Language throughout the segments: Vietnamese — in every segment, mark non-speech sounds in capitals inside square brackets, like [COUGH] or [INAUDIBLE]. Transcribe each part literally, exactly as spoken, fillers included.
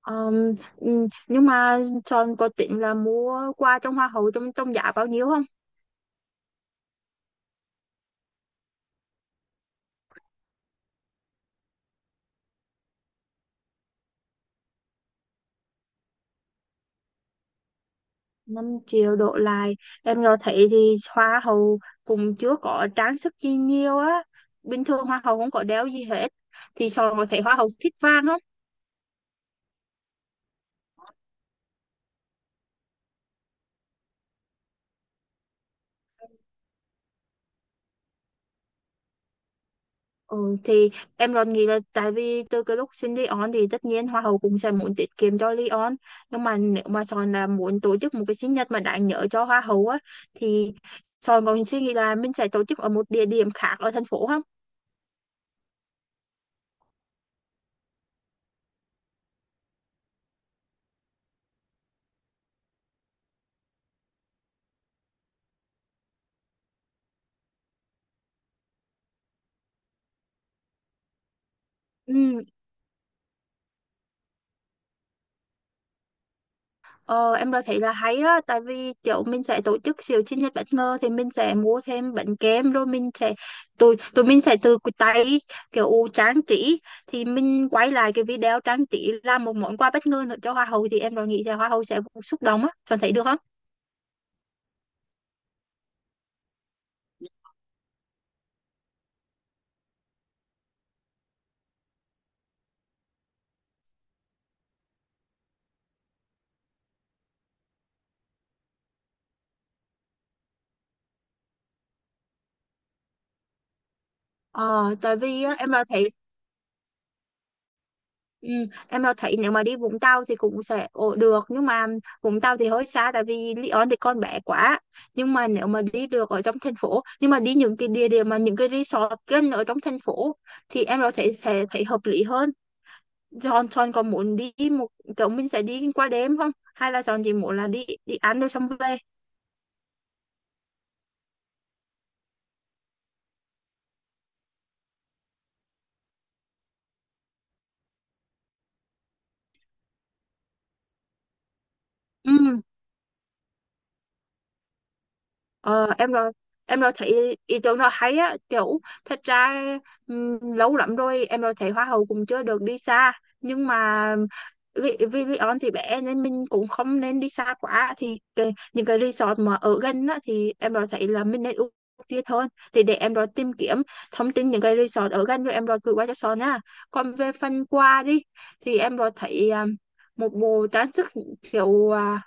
Ờm, ừm, nhưng mà Son có tính là mua quà trong hoa hậu trong trong giá bao nhiêu không? Năm triệu đổ lại. Em nó thấy thì hoa hậu cũng chưa có trang sức gì nhiều á. Bình thường hoa hậu không có đeo gì hết. Thì Son có thấy hoa hậu thích vàng không? Ừ, thì em còn nghĩ là tại vì từ cái lúc xin Leon thì tất nhiên Hoa hậu cũng sẽ muốn tiết kiệm cho Leon, nhưng mà nếu mà Sòn là muốn tổ chức một cái sinh nhật mà đáng nhớ cho Hoa hậu á thì Sòn còn suy nghĩ là mình sẽ tổ chức ở một địa điểm khác ở thành phố không? Ừ. Ờ, em đã thấy là hay đó tại vì kiểu mình sẽ tổ chức siêu sinh nhật bất ngờ thì mình sẽ mua thêm bánh kem rồi mình sẽ tụi tụi mình sẽ tự tay kiểu trang trí thì mình quay lại cái video trang trí làm một món quà bất ngờ nữa cho hoa hậu thì em đã nghĩ là hoa hậu sẽ xúc động á. Cho thấy được không? Ờ, Tại vì á, em đã thấy. Ừ, em mà thấy nếu mà đi Vũng Tàu thì cũng sẽ ổ được nhưng mà Vũng Tàu thì hơi xa tại vì Lý Sơn thì con bé quá, nhưng mà nếu mà đi được ở trong thành phố nhưng mà đi những cái địa điểm mà những cái resort gần ở trong thành phố thì em có thể sẽ thấy hợp lý hơn. John John có muốn đi một kiểu mình sẽ đi qua đêm không, hay là John chỉ muốn là đi đi ăn rồi xong về? Ừ. Ờ, em rồi em rồi thấy ý ý tưởng nó hay á, kiểu thật ra ừm, lâu lắm rồi em rồi thấy hoa hậu cũng chưa được đi xa, nhưng mà vì vì Leon thì bé nên mình cũng không nên đi xa quá, thì cái, những cái resort mà ở gần á thì em rồi thấy là mình nên ưu tiên hơn, thì để em rồi tìm kiếm thông tin những cái resort ở gần rồi em rồi gửi qua cho Son á. Còn về phần quà đi thì em rồi thấy à, một bộ trang sức kiểu à,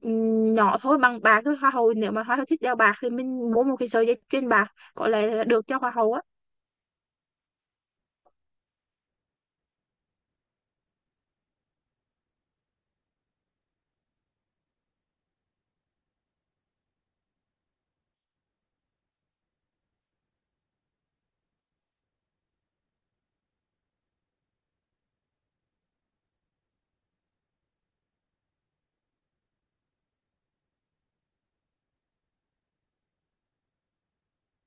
ừm, nhỏ thôi, bằng bạc thôi, hoa hậu nếu mà hoa hậu thích đeo bạc thì mình mua một cái sợi dây chuyền bạc có lẽ là được cho hoa hậu á.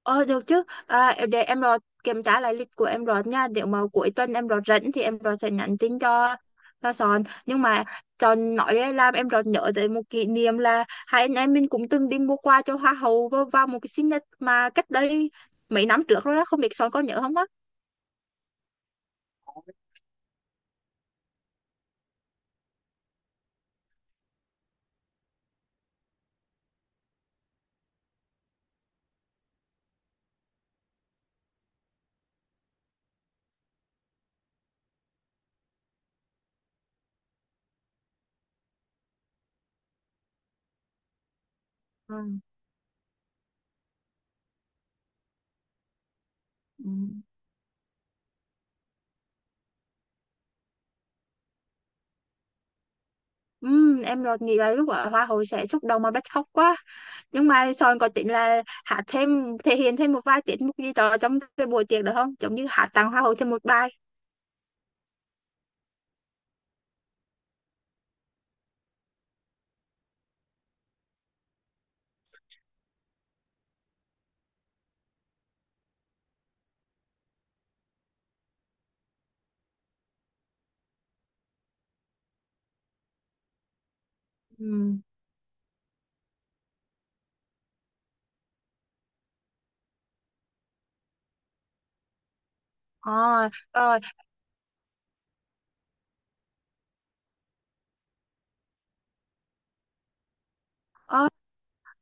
ờ Được chứ. À, em- để em rồi kiểm tra lại lịch của em rồi nha, nếu mà cuối tuần em rồi rảnh thì em rồi sẽ nhắn tin cho cho Sòn, nhưng mà Sòn nói đấy làm em rồi nhớ tới một kỷ niệm là hai anh em mình cũng từng đi mua quà cho hoa hậu vào vào một cái sinh nhật mà cách đây mấy năm trước rồi đó, không biết Sòn có nhớ không á? Ừ. Ừ. Ừm, em đột nghĩ là lúc ở Hoa hậu sẽ xúc động mà bật khóc quá, nhưng mà sòn có tính là hát thêm, thể hiện thêm một vài tiết mục gì đó trong cái buổi tiệc được không, giống như hát tặng Hoa hậu thêm một bài? Ừm. À, rồi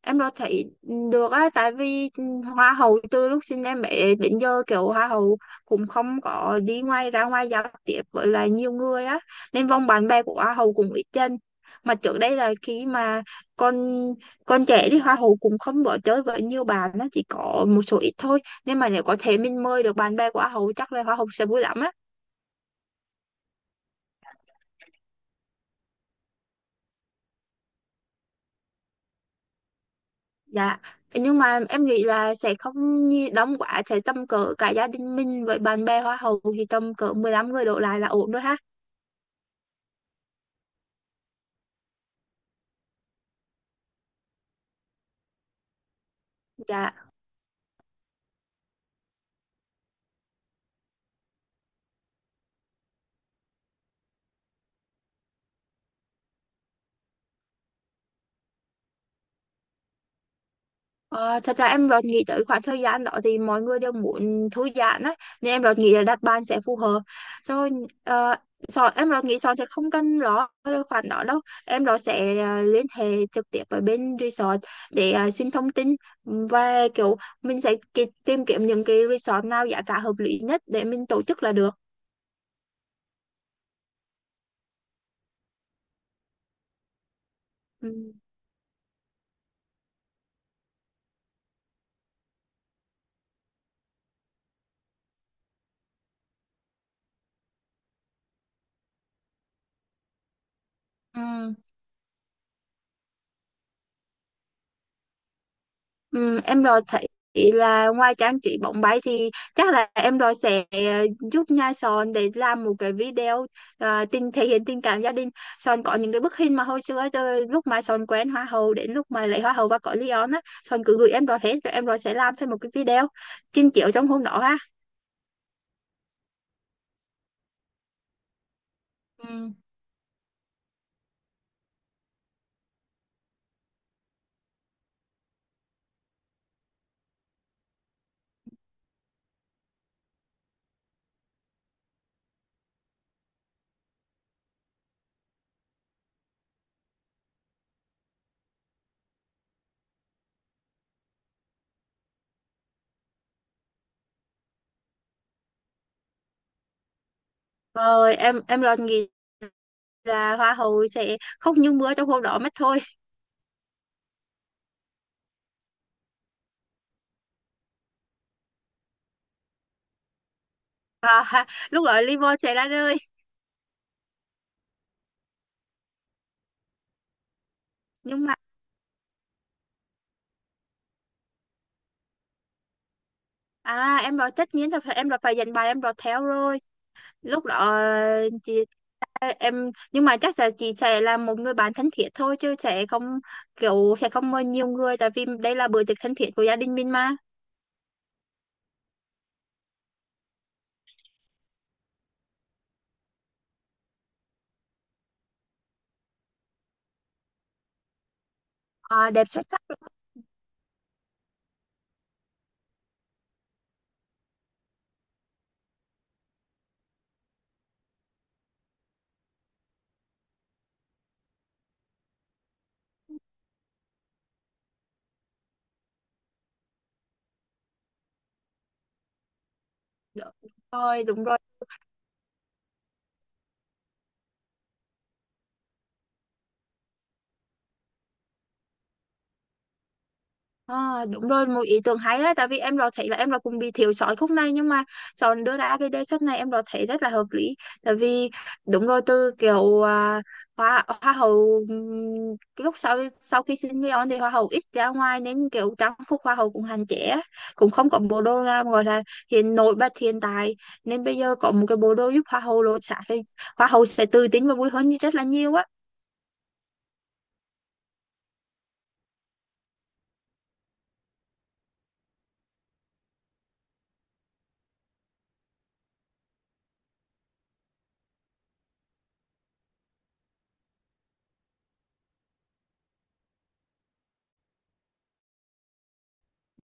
em đâu thấy được á, tại vì hoa hậu từ lúc sinh em bé đến giờ kiểu hoa hậu cũng không có đi ngoài, ra ngoài giao tiếp với lại nhiều người á, nên vòng bạn bè của hoa hậu cũng ít dần, mà trước đây là khi mà con con trẻ đi hoa hậu cũng không có chơi với nhiều bạn á, chỉ có một số ít thôi, nên mà nếu có thể mình mời được bạn bè của hoa hậu chắc là hoa hậu sẽ vui lắm á. Dạ, nhưng mà em nghĩ là sẽ không nhi đông quá, sẽ tầm cỡ cả gia đình mình với bạn bè hoa hậu thì tầm cỡ mười lăm người đổ lại là ổn rồi ha. Dạ. ờ, Thật ra em rồi nghĩ tới khoảng thời gian đó thì mọi người đều muốn thư giãn á, nên em rồi nghĩ là đặt bàn sẽ phù hợp. Rồi. ờ, Sòn- em rồi nghĩ Sòn sẽ không cần lo về khoản đó đâu. Em rồi sẽ ờ, liên hệ trực tiếp với bên resort để ờ, xin thông tin, và kiểu mình sẽ ki- tìm kiếm những cái resort nào giá cả hợp lý nhất để mình tổ chức là được. Ừ, ừ, ừ, em rồi thấy là ngoài trang trí bóng bay thì chắc là em rồi sẽ ờ, giúp nha Sòn để làm một cái video à, tình, thể hiện tình cảm gia đình. Sòn có những cái bức hình mà hồi xưa từ lúc mà Sòn quen hoa hậu đến lúc mà lấy hoa hậu và có Leon á, Sòn cứ gửi em rồi hết rồi em rồi sẽ làm thêm một cái video trình chiếu trong hôm đó ha. Ừ. Rồi em em rồi nghĩ là hoa hậu sẽ khóc như mưa trong hôm đó mất thôi. Và [LAUGHS] lúc đó Livon sẽ ra rơi, nhưng mà. À em rồi tất nhiên là phải, em rồi phải dành bài, em rồi theo rồi. Lúc đó ờ, chị em, nhưng mà chắc là chị sẽ là một người bạn thân thiết thôi, chứ sẽ không, kiểu sẽ không mời nhiều người, tại vì đây là bữa tiệc thân thiết của gia đình mình mà. À, đẹp xuất sắc luôn. Được rồi, đúng rồi. À, đúng rồi, một ý tưởng hay á, tại vì em đó thấy là em đó cũng bị thiếu sót khúc này, nhưng mà chọn đưa ra cái đề xuất này em đó thấy rất là hợp lý, tại vì đúng rồi, từ kiểu à, hoa hoa hậu ừm, cái lúc sau sau khi sinh viên thì hoa hậu ít ra ngoài nên kiểu trang phục hoa hậu cũng hạn chế á. Cũng không có bộ đồ nào gọi là hiện, nổi bật hiện tại, nên bây giờ có một cái bộ đồ giúp hoa hậu lột xác thì hoa hậu sẽ tự tin và vui hơn rất là nhiều á.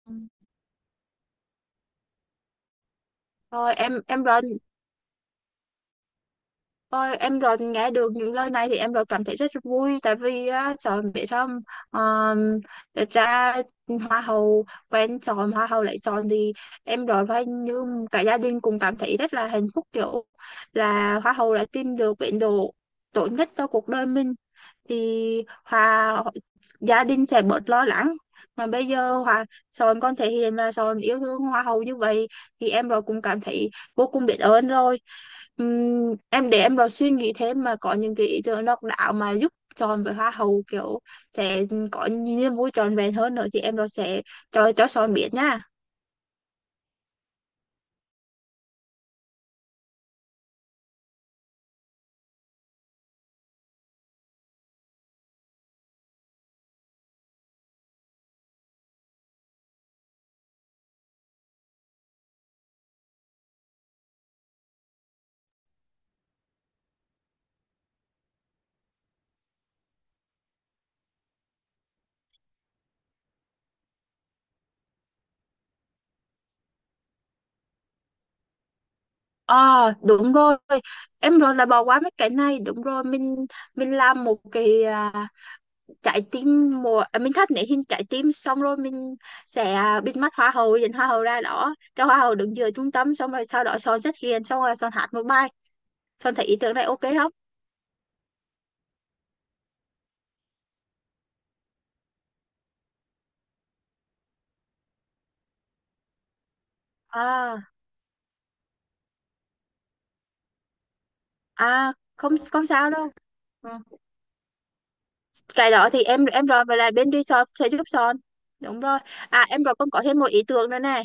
Ừ. Rồi em em rồi. Ôi, em rồi nghe được những lời này thì em rồi cảm thấy rất vui, tại vì á, sợ biết không, um, ra hoa hậu quen chọn, hoa hậu lại chọn thì em rồi phải như cả gia đình cùng cảm thấy rất là hạnh phúc, kiểu là hoa hậu đã tìm được bến đỗ tốt nhất cho cuộc đời mình, thì hòa gia đình sẽ bớt lo lắng, mà bây giờ hòa Sòn con thể hiện là Sòn yêu thương hoa hậu như vậy thì em rồi cũng cảm thấy vô cùng biết ơn rồi. Ừm, em để em vào suy nghĩ thêm mà có những cái ý tưởng độc đáo mà giúp chọn với hoa hậu, kiểu sẽ có niềm vui trọn vẹn hơn nữa, thì em rồi sẽ cho cho Son biết nha. Ờ Đúng rồi, em rồi là bỏ qua mấy cái này, đúng rồi mình mình làm một cái à, trái tim mùa à, mình thắt nét hình trái tim xong rồi mình sẽ à, bịt mắt hoa hậu dẫn hoa hậu ra đó cho hoa hậu đứng giữa trung tâm, xong rồi sau đó Son xuất hiện, xong rồi Son hát một bài. Son thấy ý tưởng này ok không? À à không không sao đâu. Ừ. Cái đó thì em em rồi với lại bên resort sẽ giúp son, đúng rồi. À em rồi con có thêm một ý tưởng nữa này.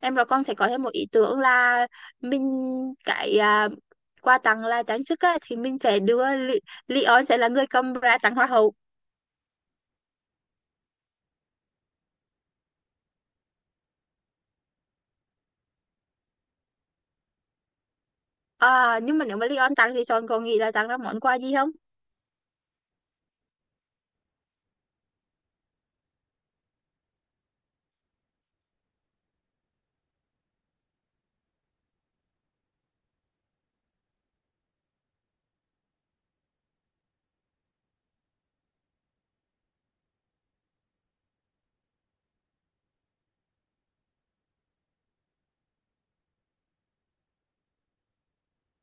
Em rồi con phải có thêm một ý tưởng là mình cái à, quà tặng là trang sức á, thì mình sẽ đưa Li- Leon sẽ là người cầm ra tặng hoa hậu. À, nhưng mà nếu mà Leon tặng thì son còn nghĩ là tặng ra món quà gì không?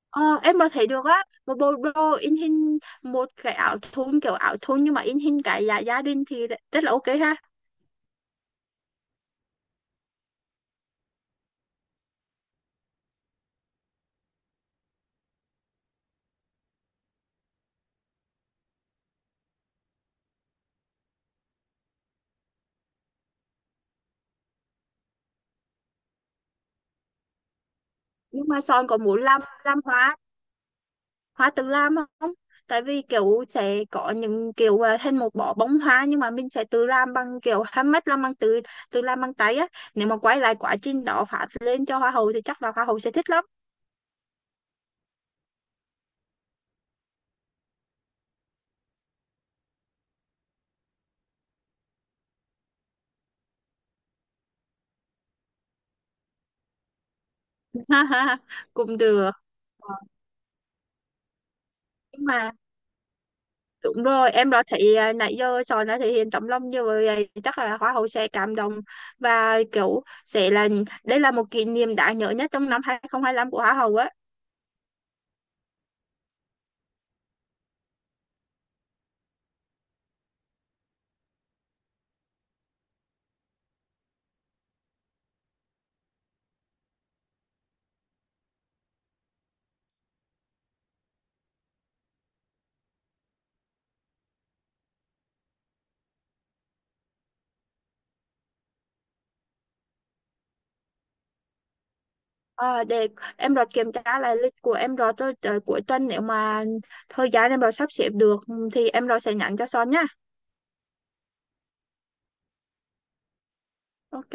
Ờ, em mà thấy được á, một bộ đồ in hình, một cái áo thun, kiểu áo thun nhưng mà in hình cái gia gia đình thì rất là ok ha. Nhưng mà son có muốn làm làm hoa hoa tự làm không, tại vì kiểu sẽ có những kiểu uh, thành một bó bông hoa, nhưng mà mình sẽ tự làm bằng kiểu handmade, làm bằng tự tự làm bằng tay á, nếu mà quay lại quá trình đó phát lên cho hoa hậu thì chắc là hoa hậu sẽ thích lắm. [LAUGHS] cũng được. Ờ, nhưng mà đúng rồi em đã thấy à, nãy giờ Sòn đã thể hiện tấm lòng như vậy chắc là Hoa hậu sẽ cảm động, và kiểu sẽ là đây là một kỷ niệm đáng nhớ nhất trong năm hai không hai lăm của Hoa hậu á. Ờ, để em rồi kiểm tra lại lịch của em Rọt rồi tôi tới cuối tuần, nếu mà thời gian em rồi sắp xếp được thì em rồi sẽ nhắn cho Son nhá. Ok.